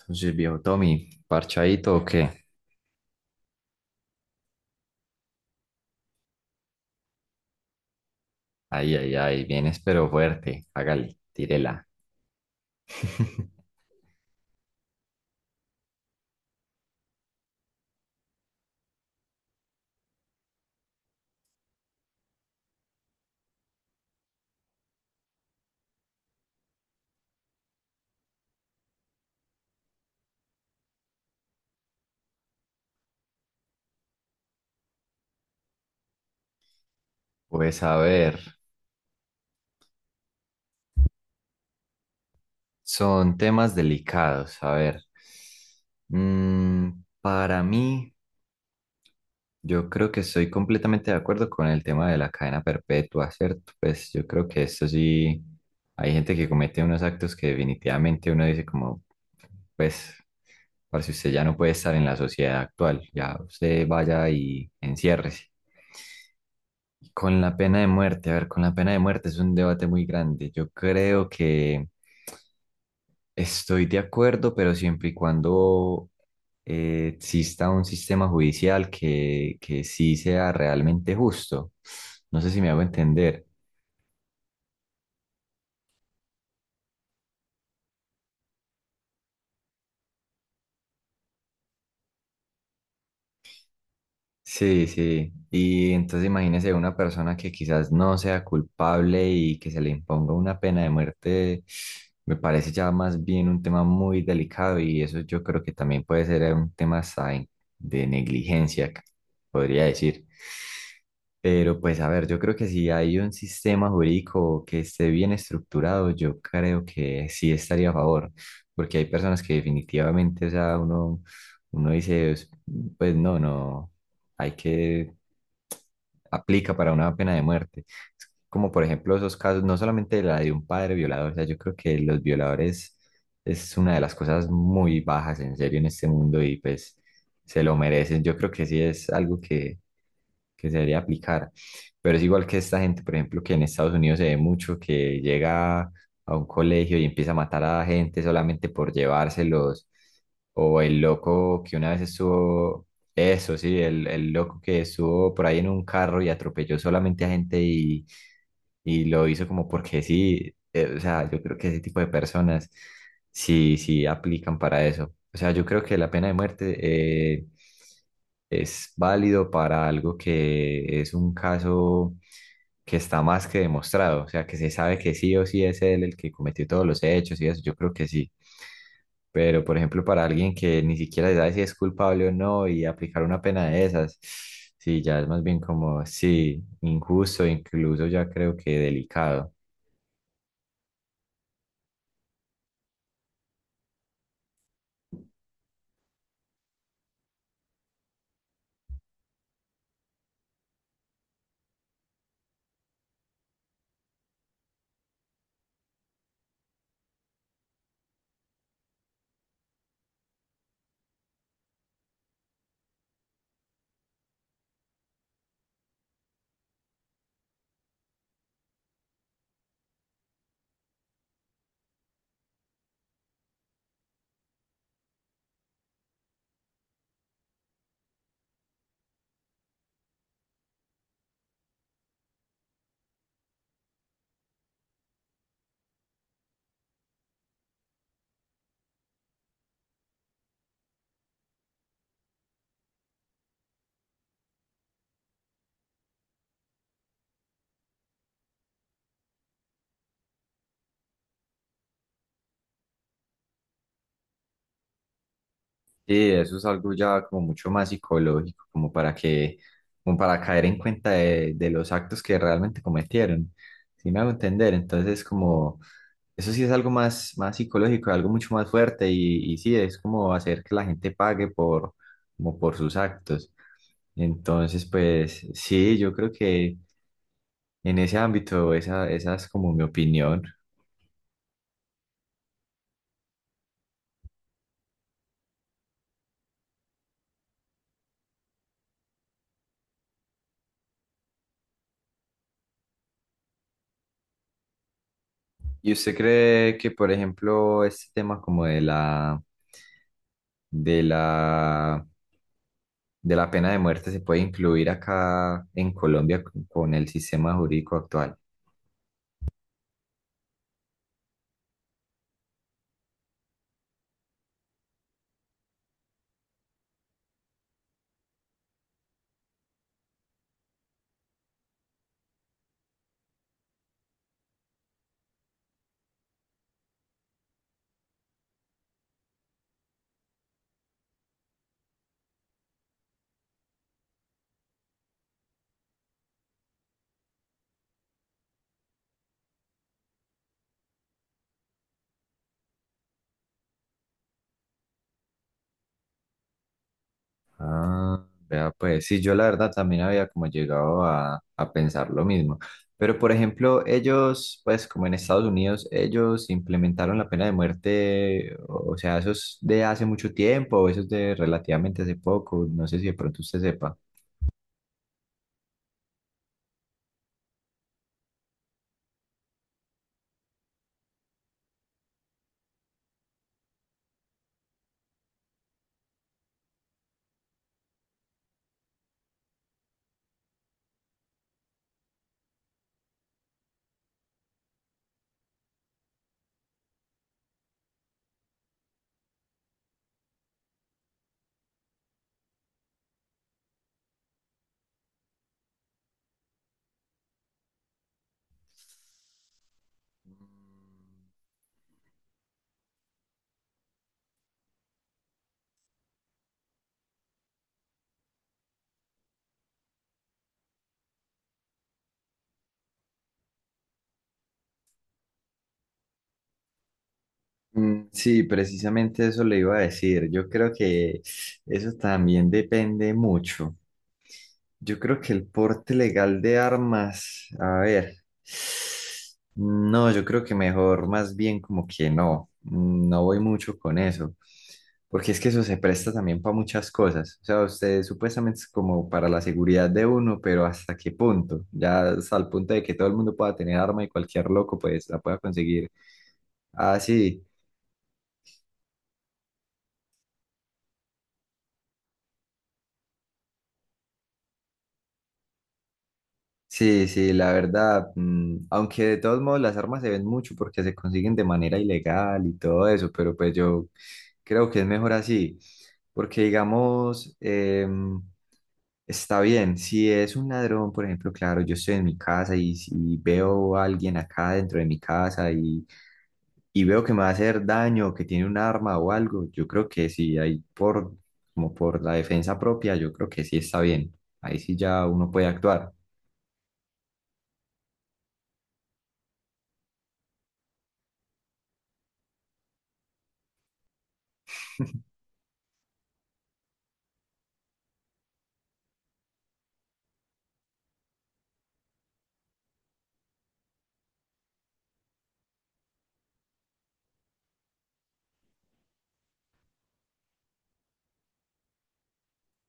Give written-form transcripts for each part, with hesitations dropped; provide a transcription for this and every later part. Entonces, viejo Tommy, ¿parchadito o qué? Ay, ay, ay, vienes pero fuerte. Hágale, tírela. Pues a ver, son temas delicados. A ver, mm, para mí, yo creo que estoy completamente de acuerdo con el tema de la cadena perpetua, ¿cierto? Pues yo creo que esto sí, hay gente que comete unos actos que definitivamente uno dice como, pues, para si usted ya no puede estar en la sociedad actual, ya usted vaya y enciérrese. Con la pena de muerte, a ver, con la pena de muerte es un debate muy grande. Yo creo que estoy de acuerdo, pero siempre y cuando exista un sistema judicial que sí sea realmente justo. No sé si me hago entender. Sí, sí. Y entonces imagínese una persona que quizás no sea culpable y que se le imponga una pena de muerte, me parece ya más bien un tema muy delicado y eso yo creo que también puede ser un tema hasta de negligencia, podría decir. Pero pues a ver, yo creo que si hay un sistema jurídico que esté bien estructurado, yo creo que sí estaría a favor, porque hay personas que definitivamente, o sea, uno, uno dice, pues, no, no hay que aplica para una pena de muerte. Es como por ejemplo esos casos, no solamente la de un padre violador, o sea, yo creo que los violadores es una de las cosas muy bajas en serio en este mundo y pues se lo merecen. Yo creo que sí es algo que se debería aplicar. Pero es igual que esta gente, por ejemplo, que en Estados Unidos se ve mucho que llega a un colegio y empieza a matar a gente solamente por llevárselos. O el loco que una vez estuvo eso sí, el loco que estuvo por ahí en un carro y atropelló solamente a gente y lo hizo como porque sí, o sea, yo creo que ese tipo de personas sí, sí aplican para eso. O sea, yo creo que la pena de muerte es válido para algo que es un caso que está más que demostrado, o sea, que se sabe que sí o sí es él el que cometió todos los hechos y eso, yo creo que sí. Pero, por ejemplo, para alguien que ni siquiera sabe si es culpable o no y aplicar una pena de esas, sí, ya es más bien como, sí, injusto, incluso ya creo que delicado. Sí, eso es algo ya como mucho más psicológico, como para que, como para caer en cuenta de los actos que realmente cometieron. Si me hago entender, entonces como, eso sí es algo más, más psicológico, algo mucho más fuerte y sí, es como hacer que la gente pague por, como por sus actos. Entonces, pues sí, yo creo que en ese ámbito esa, esa es como mi opinión. ¿Y usted cree que, por ejemplo, este tema como de la, de la, de la pena de muerte se puede incluir acá en Colombia con el sistema jurídico actual? Ah, vea pues, sí, yo la verdad también había como llegado a pensar lo mismo. Pero por ejemplo, ellos, pues como en Estados Unidos, ellos implementaron la pena de muerte, o sea, eso es de hace mucho tiempo, eso es de relativamente hace poco, no sé si de pronto usted sepa. Mm, sí, precisamente eso le iba a decir. Yo creo que eso también depende mucho. Yo creo que el porte legal de armas, a ver, no, yo creo que mejor, más bien como que no, no voy mucho con eso, porque es que eso se presta también para muchas cosas. O sea, usted supuestamente es como para la seguridad de uno, pero ¿hasta qué punto? Ya hasta el punto de que todo el mundo pueda tener arma y cualquier loco pues la pueda conseguir así. Sí, sí, la verdad, aunque de todos modos las armas se ven mucho porque se consiguen de manera ilegal y todo eso, pero pues yo creo que es mejor así, porque digamos, está bien, si es un ladrón, por ejemplo, claro, yo estoy en mi casa y si veo a alguien acá dentro de mi casa y veo que me va a hacer daño, que tiene un arma o algo, yo creo que sí, ahí por, como por la defensa propia, yo creo que sí está bien, ahí sí ya uno puede actuar.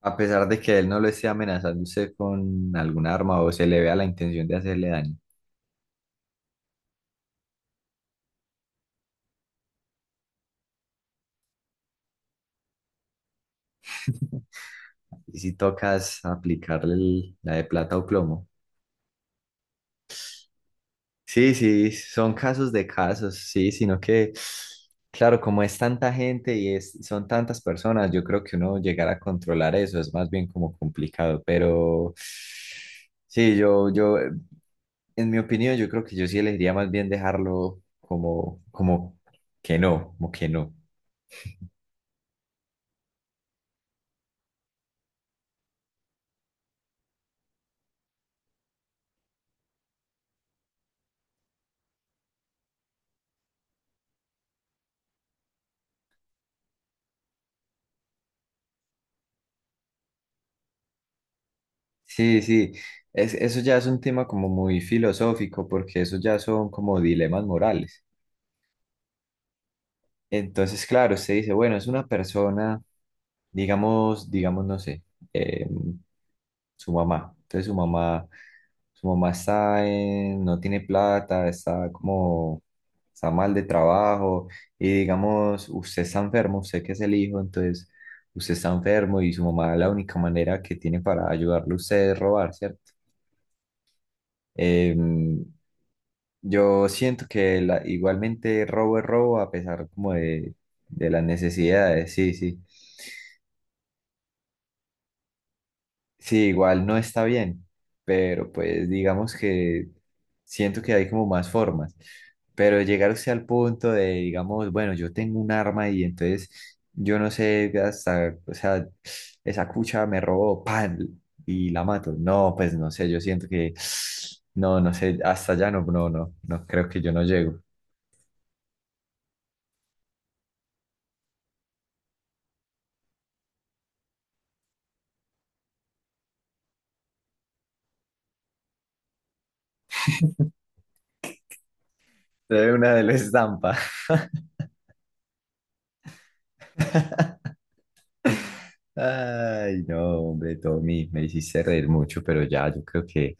A pesar de que él no lo esté amenazando usted con algún arma o se le vea la intención de hacerle daño. Y si tocas aplicarle la de plata o plomo. Sí, sí, son casos de casos, sí, sino que, claro, como es tanta gente y es, son tantas personas, yo creo que uno llegar a controlar eso es más bien como complicado, pero sí, en mi opinión, yo creo que yo sí elegiría más bien dejarlo como, como que no, como que no. Sí, sí, es, eso ya es un tema como muy filosófico porque eso ya son como dilemas morales. Entonces, claro, usted dice, bueno, es una persona, digamos, digamos, no sé, eh, su mamá. Entonces su mamá está no tiene plata, está como, está mal de trabajo y digamos, usted está enfermo, usted que es el hijo, entonces usted está enfermo y su mamá la única manera que tiene para ayudarle a usted es robar, ¿cierto? Em, Yo siento que igualmente robo es robo a pesar como de las necesidades, sí, sí. Sí, igual no está bien, pero pues digamos que siento que hay como más formas. Pero llegar usted al punto de, digamos, bueno, yo tengo un arma y entonces yo no sé hasta, o sea, esa cucha me robó, pan, y la mato. No, pues no sé, yo siento que, no, no sé, hasta allá no, no, no, no, creo que yo no llego. Se ve una de la estampa. Ay, no, hombre, Tommy, me hiciste reír mucho, pero ya, yo creo que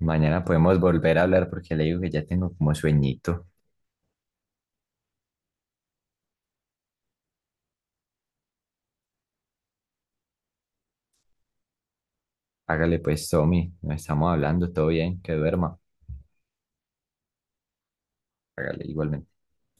mañana podemos volver a hablar porque le digo que ya tengo como sueñito. Hágale pues, Tommy, nos estamos hablando, todo bien, que duerma. Hágale igualmente.